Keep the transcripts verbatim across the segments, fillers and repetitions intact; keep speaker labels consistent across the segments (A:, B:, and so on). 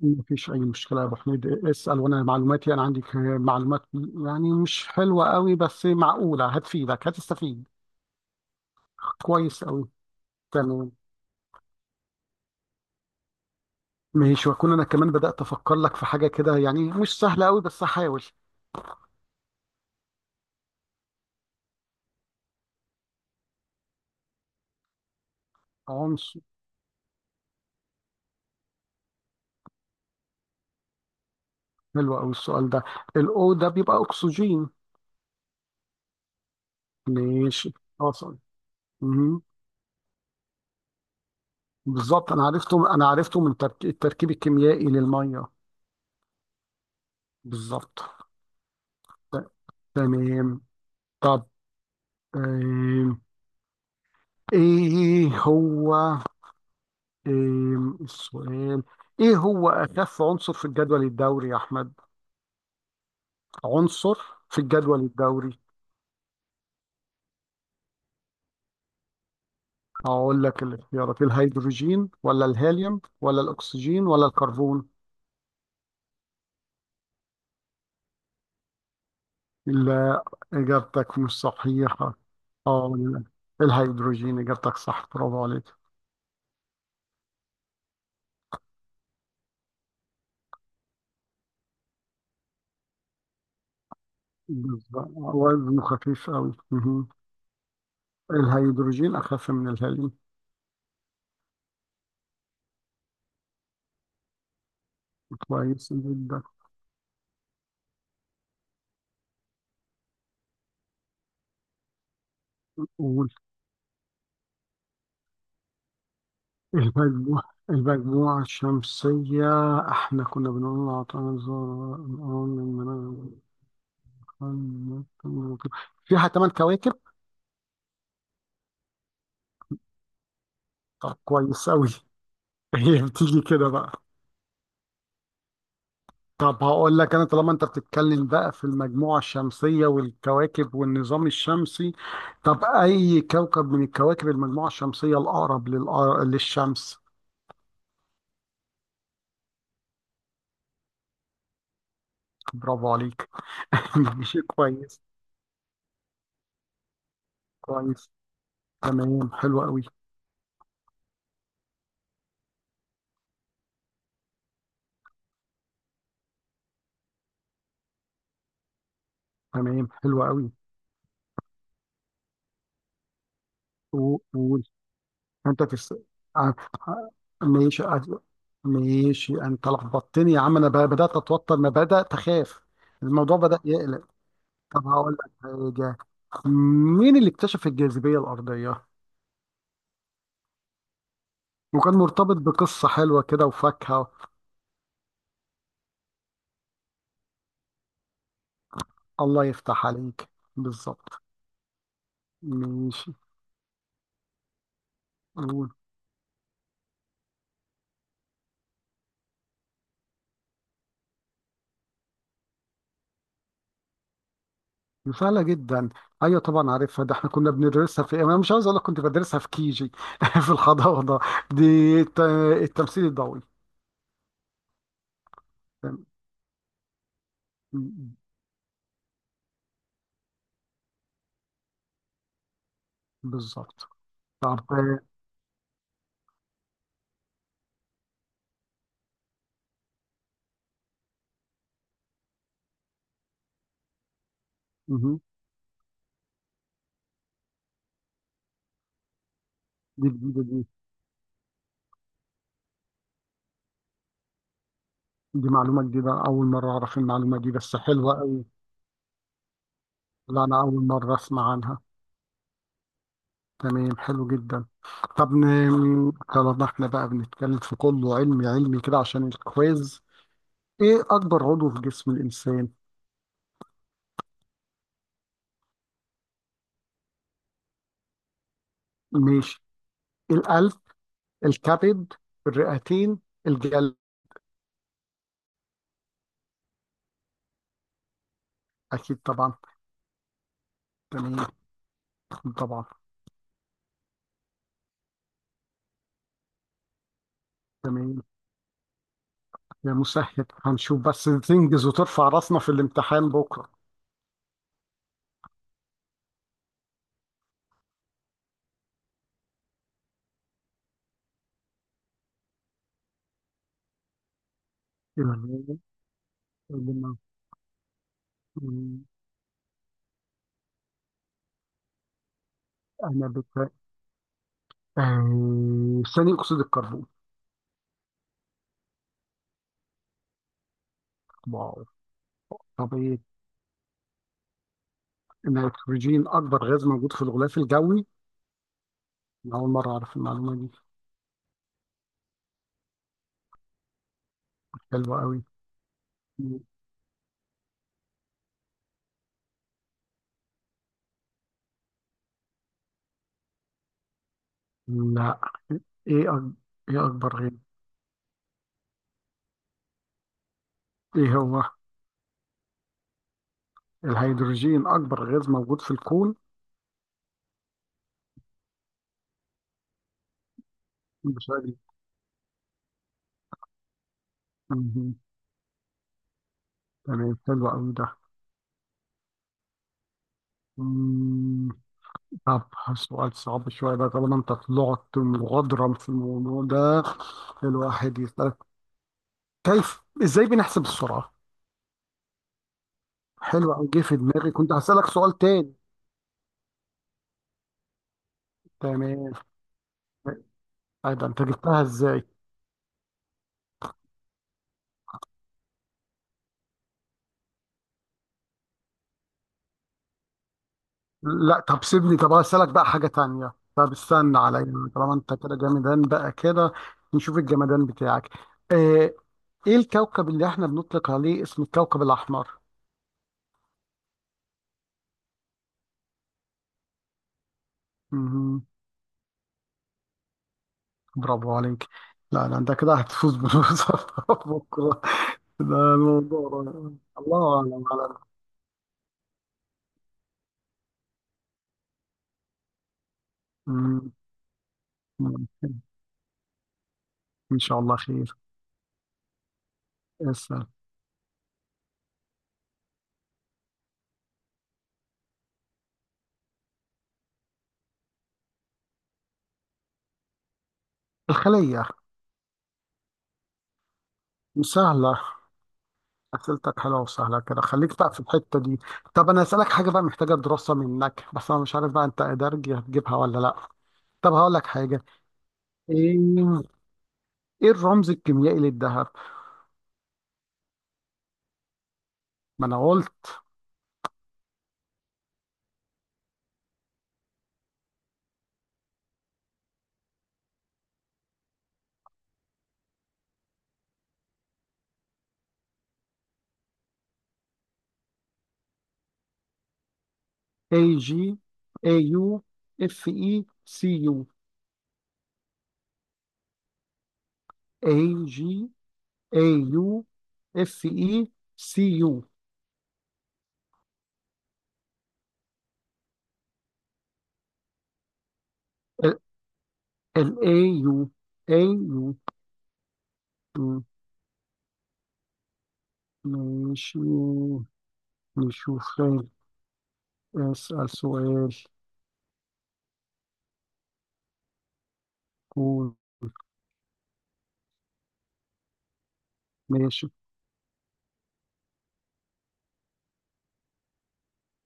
A: مفيش أي مشكلة يا أبو حميد. اسأل وأنا معلوماتي، أنا عندي معلومات يعني مش حلوة قوي، بس معقولة. هتفيدك، هتستفيد. كويس قوي. تمام. ماشي وأكون أنا كمان بدأت أفكر لك في حاجة كده يعني مش سهلة قوي، بس هحاول. عنصر. حلو قوي السؤال ده. الأو ده بيبقى أكسجين. ماشي. حصل. مهم. بالظبط، أنا عرفته أنا عرفته من ترك- التركيب الكيميائي للمية. بالظبط. ت- تمام. طب، آم، إيه هو؟ إيه السؤال؟ ايه هو اخف عنصر في الجدول الدوري يا احمد؟ عنصر في الجدول الدوري. اقول لك الاختيارات: الهيدروجين ولا الهيليوم ولا الاكسجين ولا الكربون؟ لا، اجابتك مش صحيحه. اه، ال- الهيدروجين اجابتك صح، برافو عليك. بالظبط، وزنه خفيف قوي. الهيدروجين اخف من الهيليوم. كويس جدا. المجموعة المجموعة الشمسية، احنا كنا بنقول عطانا الزهرة، الأرض، المنام، القمر، القمر، القمر. فيها ثمان كواكب. طب كويس أوي. هي بتيجي كده بقى. طب هقول لك انا، طالما انت بتتكلم بقى في المجموعة الشمسية والكواكب والنظام الشمسي، طب اي كوكب من الكواكب المجموعة الشمسية الاقرب للأر- للشمس؟ برافو عليك. ماشي كويس. كويس، تمام حلو قوي. تمام حلو قوي. و- و- انت في الس... ع- ع- ماشي. ع- ماشي، انت لخبطتني يا عم. انا ب- بدات اتوتر، انا بدات اخاف. الموضوع بدا يقلق. طب هقول لك حاجه: مين اللي اكتشف الجاذبيه الارضيه، وكان مرتبط بقصه حلوه كده وفاكهه؟ الله يفتح عليك. بالظبط. ماشي، قول. سهله جدا. ايوه طبعا عارفها، ده احنا كنا بندرسها في، انا مش عاوز اقول لك، كنت بدرسها في كيجي. في الحضانه. دي الت- التمثيل الضوئي. بالظبط. عارفة. مهم. دي جديدة دي. دي معلومة جديدة، أول مرة أعرف المعلومة دي، بس حلوة أوي. لا، أنا أول مرة أسمع عنها. تمام حلو جدا. طب ن- طالما احنا بقى بنتكلم في كله علمي علمي كده عشان الكويز، إيه أكبر عضو في جسم الإنسان؟ ماشي: القلب، الكبد، الرئتين، الجلد. أكيد طبعا. تمام. طبعا. تمام. يا مسهل هنشوف، بس تنجز وترفع راسنا في الامتحان بكرة. تمام. مم. أنا بت... آه، ثاني أكسيد الكربون. واو. طبيعة. النيتروجين أكبر غاز موجود في الغلاف الجوي. أنا أول مرة أعرف المعلومة دي. حلوة قوي. لا. إيه أك... إيه أكبر غاز؟ إيه هو؟ الهيدروجين أكبر غاز موجود في الكون. بشكل. مهم. تمام حلو قوي ده. مم، طب سؤال صعب شوية بقى طالما أنت طلعت مغادرا في الموضوع ده. الواحد يسألك: كيف إزاي بنحسب السرعة؟ حلو أوي، جه في دماغي كنت هسألك سؤال تاني. تمام. أي ده، أنت جبتها إزاي؟ لا طب سيبني، طب هسألك بقى حاجة تانية. طب استنى عليا طالما أنت كده جمدان بقى كده. نشوف الجمدان بتاعك. آه، إيه الكوكب اللي إحنا بنطلق عليه اسم الكوكب الأحمر؟ مهم. برافو عليك. لا لا، أنت كده هتفوز بالوظيفة بكرة. ده الموضوع. الله أعلم على. مم. مم. إن شاء الله خير. اسأل. الخلية. مسهلة. أسئلتك حلوة وسهلة كده، خليك بقى في الحتة دي. طب أنا أسألك حاجة بقى محتاجة دراسة منك، بس أنا مش عارف بقى أنت إدارجي هتجيبها ولا لأ. طب هقول لك حاجة. إيه. إيه الرمز الكيميائي للذهب؟ ما أنا قلت. اي جي، اي يو، اف اي، سي يو. اي جي، اي يو، اف اي، سي يو. الاي يو. اي يو. مم. ماشي، نشوف. اسأل سؤال. قول. ماشي.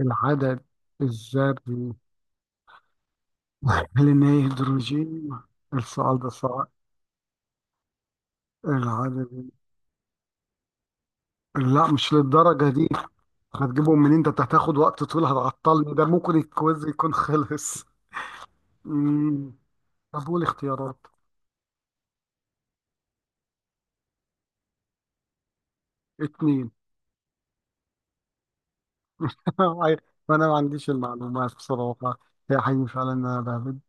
A: العدد الذري. هل إن هي هيدروجين؟ السؤال ده صعب. العدد. لا مش للدرجة دي. هتجيبهم منين ده، انت هتاخد وقت طويل، هتعطلني، ده ممكن الكويز يكون خلص. مم. طب قول اختيارات. اتنين. انا ما عنديش المعلومات بصراحة. هي حقيقي فعلا انا بهبد.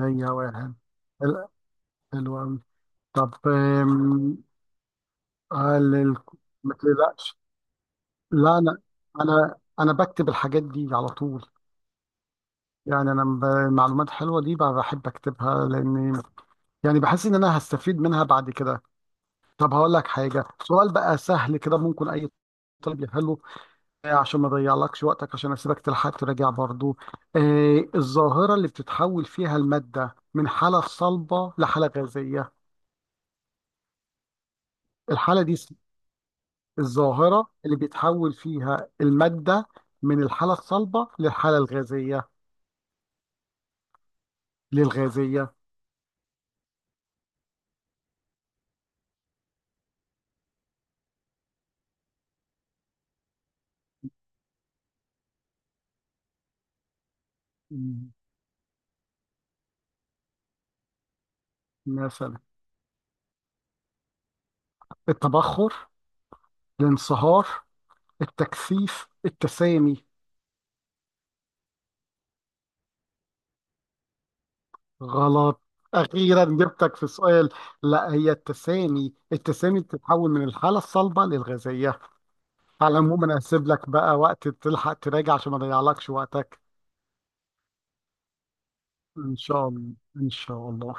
A: هي واحد. حلو. حلو أوي. طب، آم، هل ال... ما تقلقش. لا، انا انا انا بكتب الحاجات دي على طول. يعني انا ب- المعلومات حلوه دي بقى بحب اكتبها، لاني يعني بحس ان انا هستفيد منها بعد كده. طب هقول لك حاجه، سؤال بقى سهل كده ممكن اي طالب يحله. آه، عشان ما اضيعلكش وقتك، عشان اسيبك تلحق تراجع برضو. آه، الظاهره اللي بتتحول فيها الماده من حاله صلبه لحاله غازيه. الحاله دي اسم- الظاهره اللي بيتحول فيها الماده من الحاله الصلبه للحاله الغازيه. للغازيه. م- مثلا. التبخر، الانصهار، التكثيف، التسامي. غلط. أخيرا جبتك في السؤال. لا هي التسامي، التسامي بتتحول من الحالة الصلبة للغازية. على العموم أنا هسيب لك بقى وقت تلحق تراجع عشان ما أضيعلكش وقتك. إن شاء الله إن شاء الله.